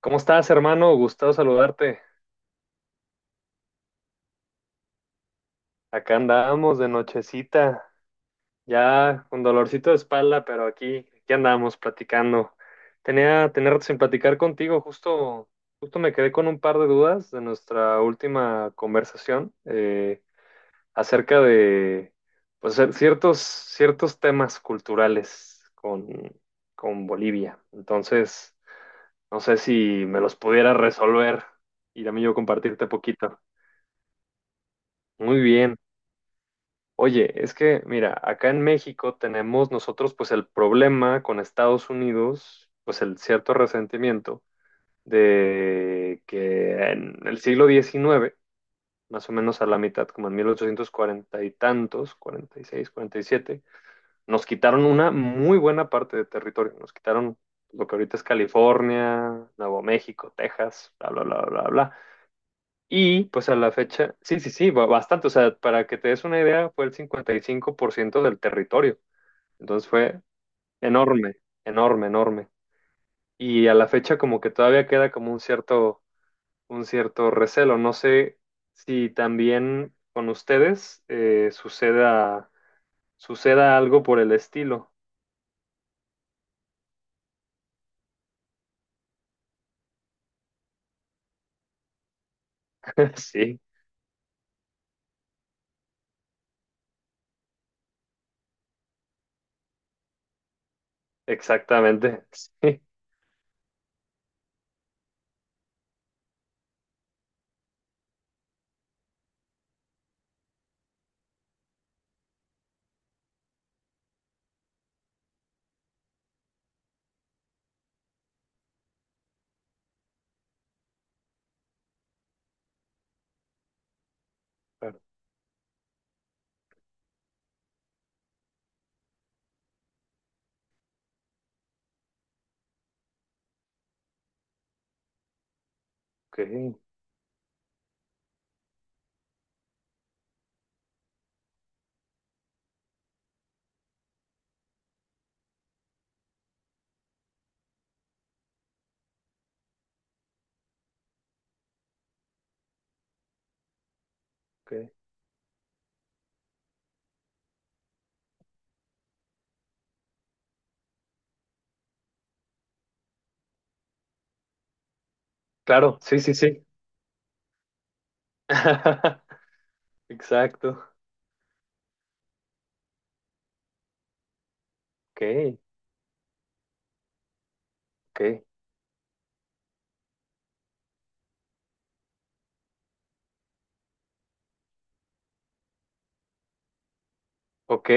¿Cómo estás, hermano? Gustavo saludarte. Acá andamos de nochecita, ya con dolorcito de espalda, pero aquí andamos platicando. Tenía tener sin platicar contigo, justo me quedé con un par de dudas de nuestra última conversación acerca de pues, ciertos temas culturales con Bolivia. Entonces, no sé si me los pudiera resolver y también yo compartirte poquito. Muy bien. Oye, es que, mira, acá en México tenemos nosotros pues el problema con Estados Unidos, pues el cierto resentimiento de que en el siglo XIX, más o menos a la mitad, como en 1840 y tantos, 46, 47, nos quitaron una muy buena parte de territorio, nos quitaron lo que ahorita es California, Nuevo México, Texas, bla, bla, bla, bla, bla. Y pues a la fecha, sí, sí, sí, bastante. O sea, para que te des una idea, fue el 55% del territorio. Entonces fue enorme, enorme, enorme. Y a la fecha como que todavía queda como un cierto recelo. No sé si también con ustedes suceda algo por el estilo. Sí, exactamente. Sí, claro. Ok, ok. Claro, sí, sí, sí. Exacto. Ok, ok. Ok,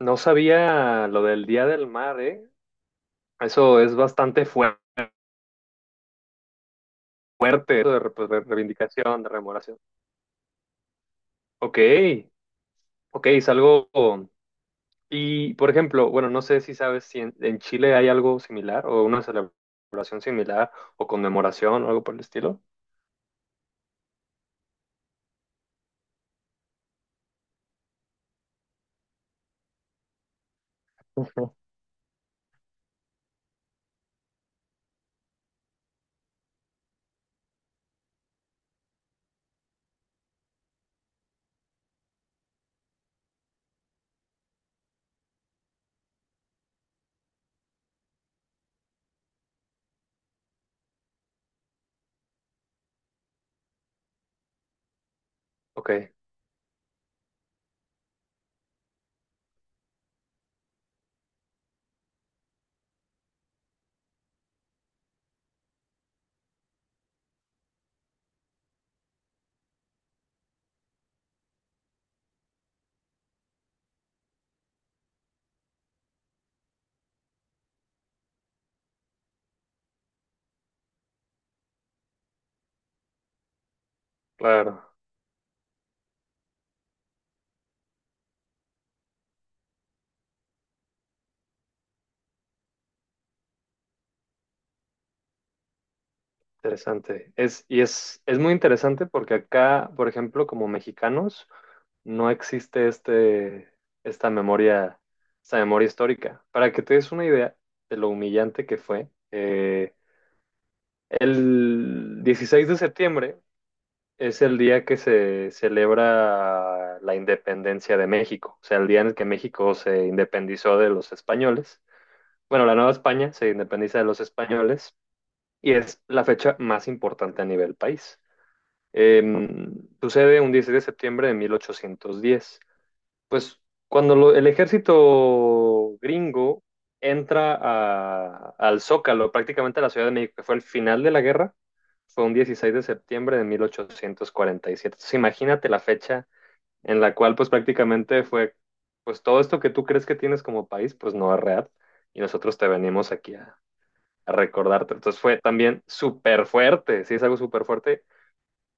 no sabía lo del Día del Mar, ¿eh? Eso es bastante fuerte, eso de, pues, de reivindicación, de rememoración. Ok, ok, es algo... Y, por ejemplo, bueno, no sé si sabes si en Chile hay algo similar o una celebración similar o conmemoración o algo por el estilo. Ujú. Ok, claro. Interesante. Es muy interesante porque acá, por ejemplo, como mexicanos, no existe esta memoria, esta memoria histórica. Para que te des una idea de lo humillante que fue, el 16 de septiembre es el día que se celebra la independencia de México, o sea, el día en el que México se independizó de los españoles. Bueno, la Nueva España se independiza de los españoles y es la fecha más importante a nivel país. Em, sucede un 16 de septiembre de 1810. Pues cuando el ejército gringo entra al Zócalo, prácticamente a la Ciudad de México, que fue el final de la guerra, fue un 16 de septiembre de 1847. Entonces, imagínate la fecha en la cual pues prácticamente fue, pues todo esto que tú crees que tienes como país, pues no es real. Y nosotros te venimos aquí a recordarte. Entonces fue también súper fuerte, sí, es algo súper fuerte,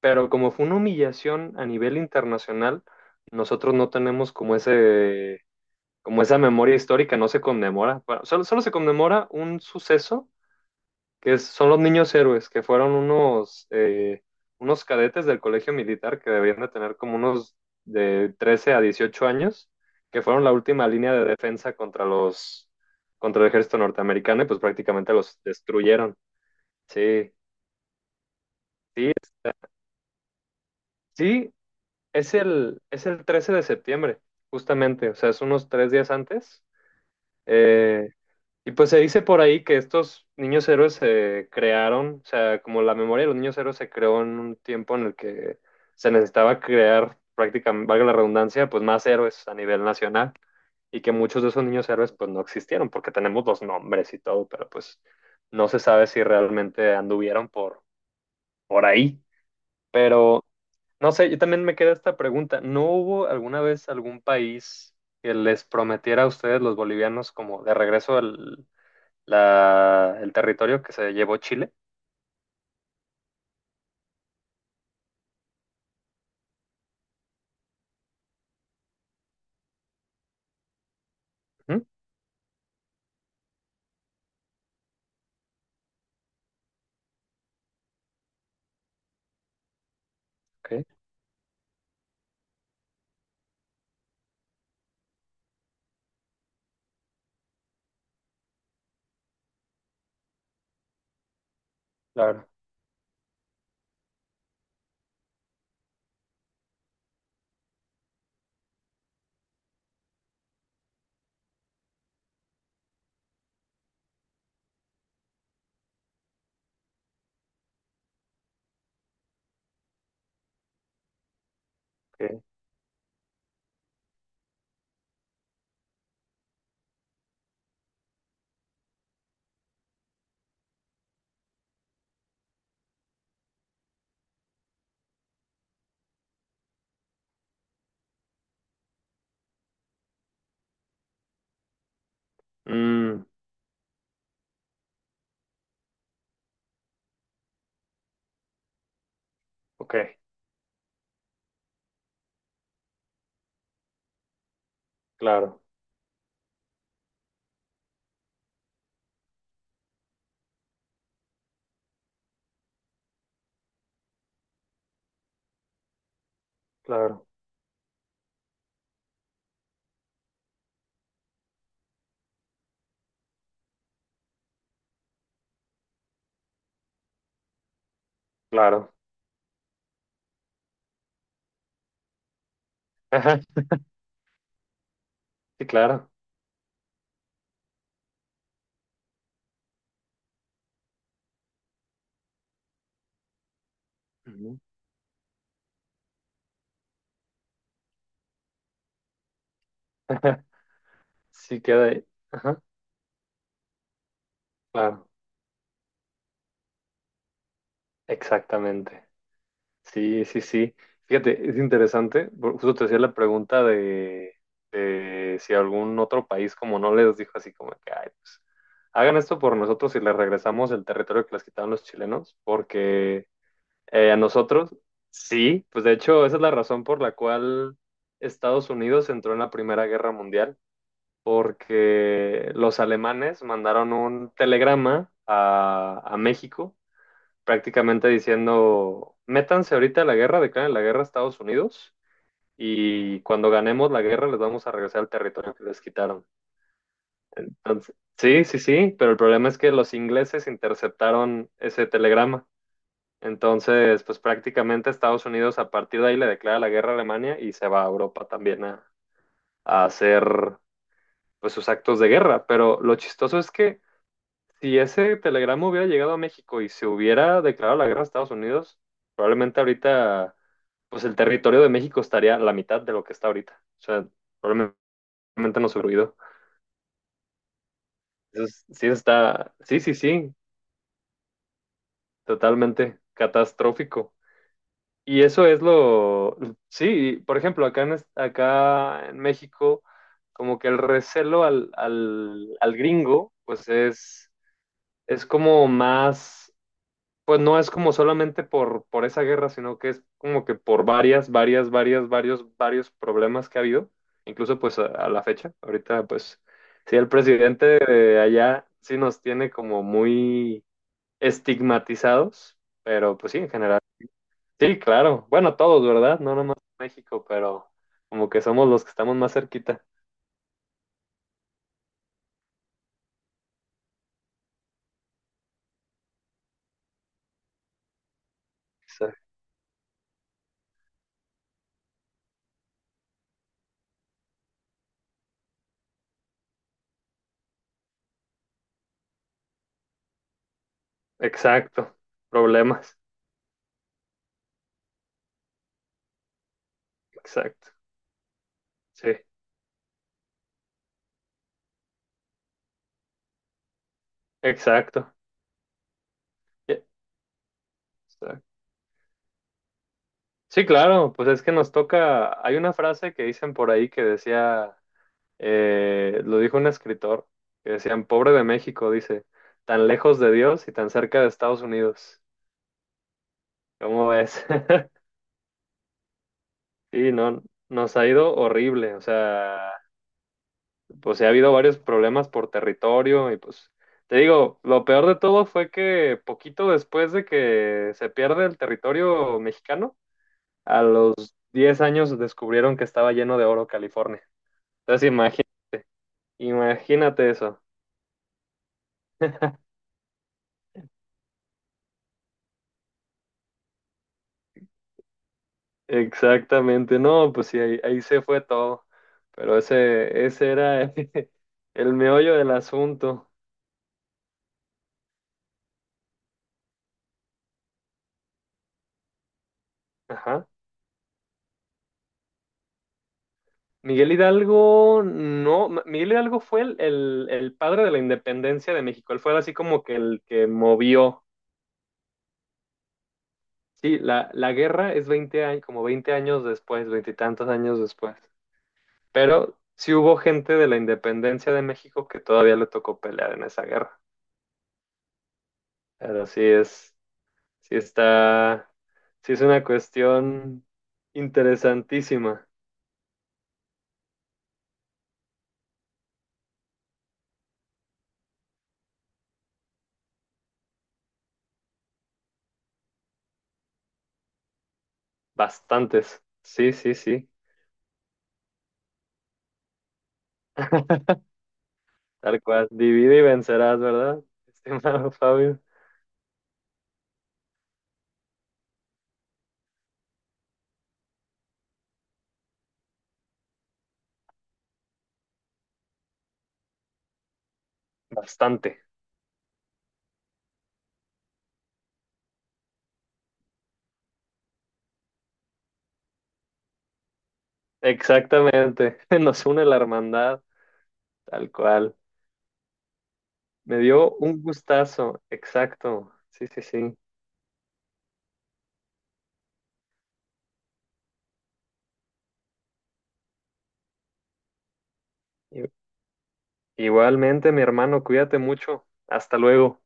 pero como fue una humillación a nivel internacional, nosotros no tenemos como ese, como esa memoria histórica, no se conmemora. Bueno, solo se conmemora un suceso que son los niños héroes, que fueron unos cadetes del colegio militar que debían de tener como unos de 13 a 18 años, que fueron la última línea de defensa contra el ejército norteamericano y pues prácticamente los destruyeron. Sí, sí, sí, es el 13 de septiembre, justamente, o sea, es unos 3 días antes. Eh, y pues se dice por ahí que estos niños héroes se crearon, o sea, como la memoria de los niños héroes se creó en un tiempo en el que se necesitaba crear prácticamente, valga la redundancia, pues más héroes a nivel nacional y que muchos de esos niños héroes pues no existieron porque tenemos los nombres y todo, pero pues no se sabe si realmente anduvieron por ahí. Pero no sé, yo también me queda esta pregunta. ¿No hubo alguna vez algún país que les prometiera a ustedes, los bolivianos, como de regreso el territorio que se llevó Chile? Ujú, ok, claro. Ok. Mm, ok, claro, claro, claro. Ajá, sí, claro. Ujú. Sí, queda ahí. Ajá, claro, exactamente. Sí, sí, sí. Fíjate, es interesante. Justo te hacía la pregunta de si algún otro país como no les dijo así como que, ay, pues, hagan esto por nosotros y les regresamos el territorio que les quitaron los chilenos, porque a nosotros, sí, pues de hecho esa es la razón por la cual Estados Unidos entró en la Primera Guerra Mundial, porque los alemanes mandaron un telegrama a México, prácticamente diciendo, métanse ahorita a la guerra, declaren la guerra a Estados Unidos y cuando ganemos la guerra les vamos a regresar al territorio que les quitaron. Entonces, sí, sí, sí, pero el problema es que los ingleses interceptaron ese telegrama. Entonces, pues prácticamente Estados Unidos a partir de ahí le declara la guerra a Alemania y se va a Europa también a hacer pues sus actos de guerra. Pero lo chistoso es que, si ese telegrama hubiera llegado a México y se hubiera declarado la guerra a Estados Unidos, probablemente ahorita, pues el territorio de México estaría a la mitad de lo que está ahorita. O sea, probablemente nos hubiera huido. Entonces, sí está, sí, sí, sí, totalmente catastrófico. Y eso es lo, sí, por ejemplo, acá en México, como que el recelo al gringo, pues es, como más. Pues no es como solamente por esa guerra, sino que es como que por varios problemas que ha habido, incluso pues a la fecha. Ahorita pues sí, el presidente de allá sí nos tiene como muy estigmatizados, pero pues sí, en general. Sí, claro. Bueno, todos, ¿verdad? No nomás México, pero como que somos los que estamos más cerquita. Exa- Exacto. Problemas. Exacto. Sí, exacto. Yeah, exacto. Sí, claro, pues es que nos toca, hay una frase que dicen por ahí que decía, lo dijo un escritor, que decían, pobre de México, dice, tan lejos de Dios y tan cerca de Estados Unidos. ¿Cómo ves? Sí, no, nos ha ido horrible, o sea, pues sí ha habido varios problemas por territorio y pues, te digo, lo peor de todo fue que poquito después de que se pierde el territorio mexicano, a los 10 años descubrieron que estaba lleno de oro California. Entonces, imagínate eso. Exactamente. No, pues sí, ahí se fue todo. Pero ese era el meollo del asunto. Ajá. Miguel Hidalgo, no, Miguel Hidalgo fue el padre de la independencia de México. Él fue así como que el que movió. Sí, la guerra es 20 años, como 20 años después, veintitantos años después. Pero sí hubo gente de la independencia de México que todavía le tocó pelear en esa guerra. Pero sí es. Sí está, sí es una cuestión interesantísima. Bastantes. Sí, sí, sí. Tal cual. Divide y vencerás, ¿verdad? Estimado Fabio. Bastante. Exactamente. Nos une la hermandad. Tal cual. Me dio un gustazo. Exacto. Sí, sí, sí. I- Igualmente, mi hermano, cuídate mucho. Hasta luego.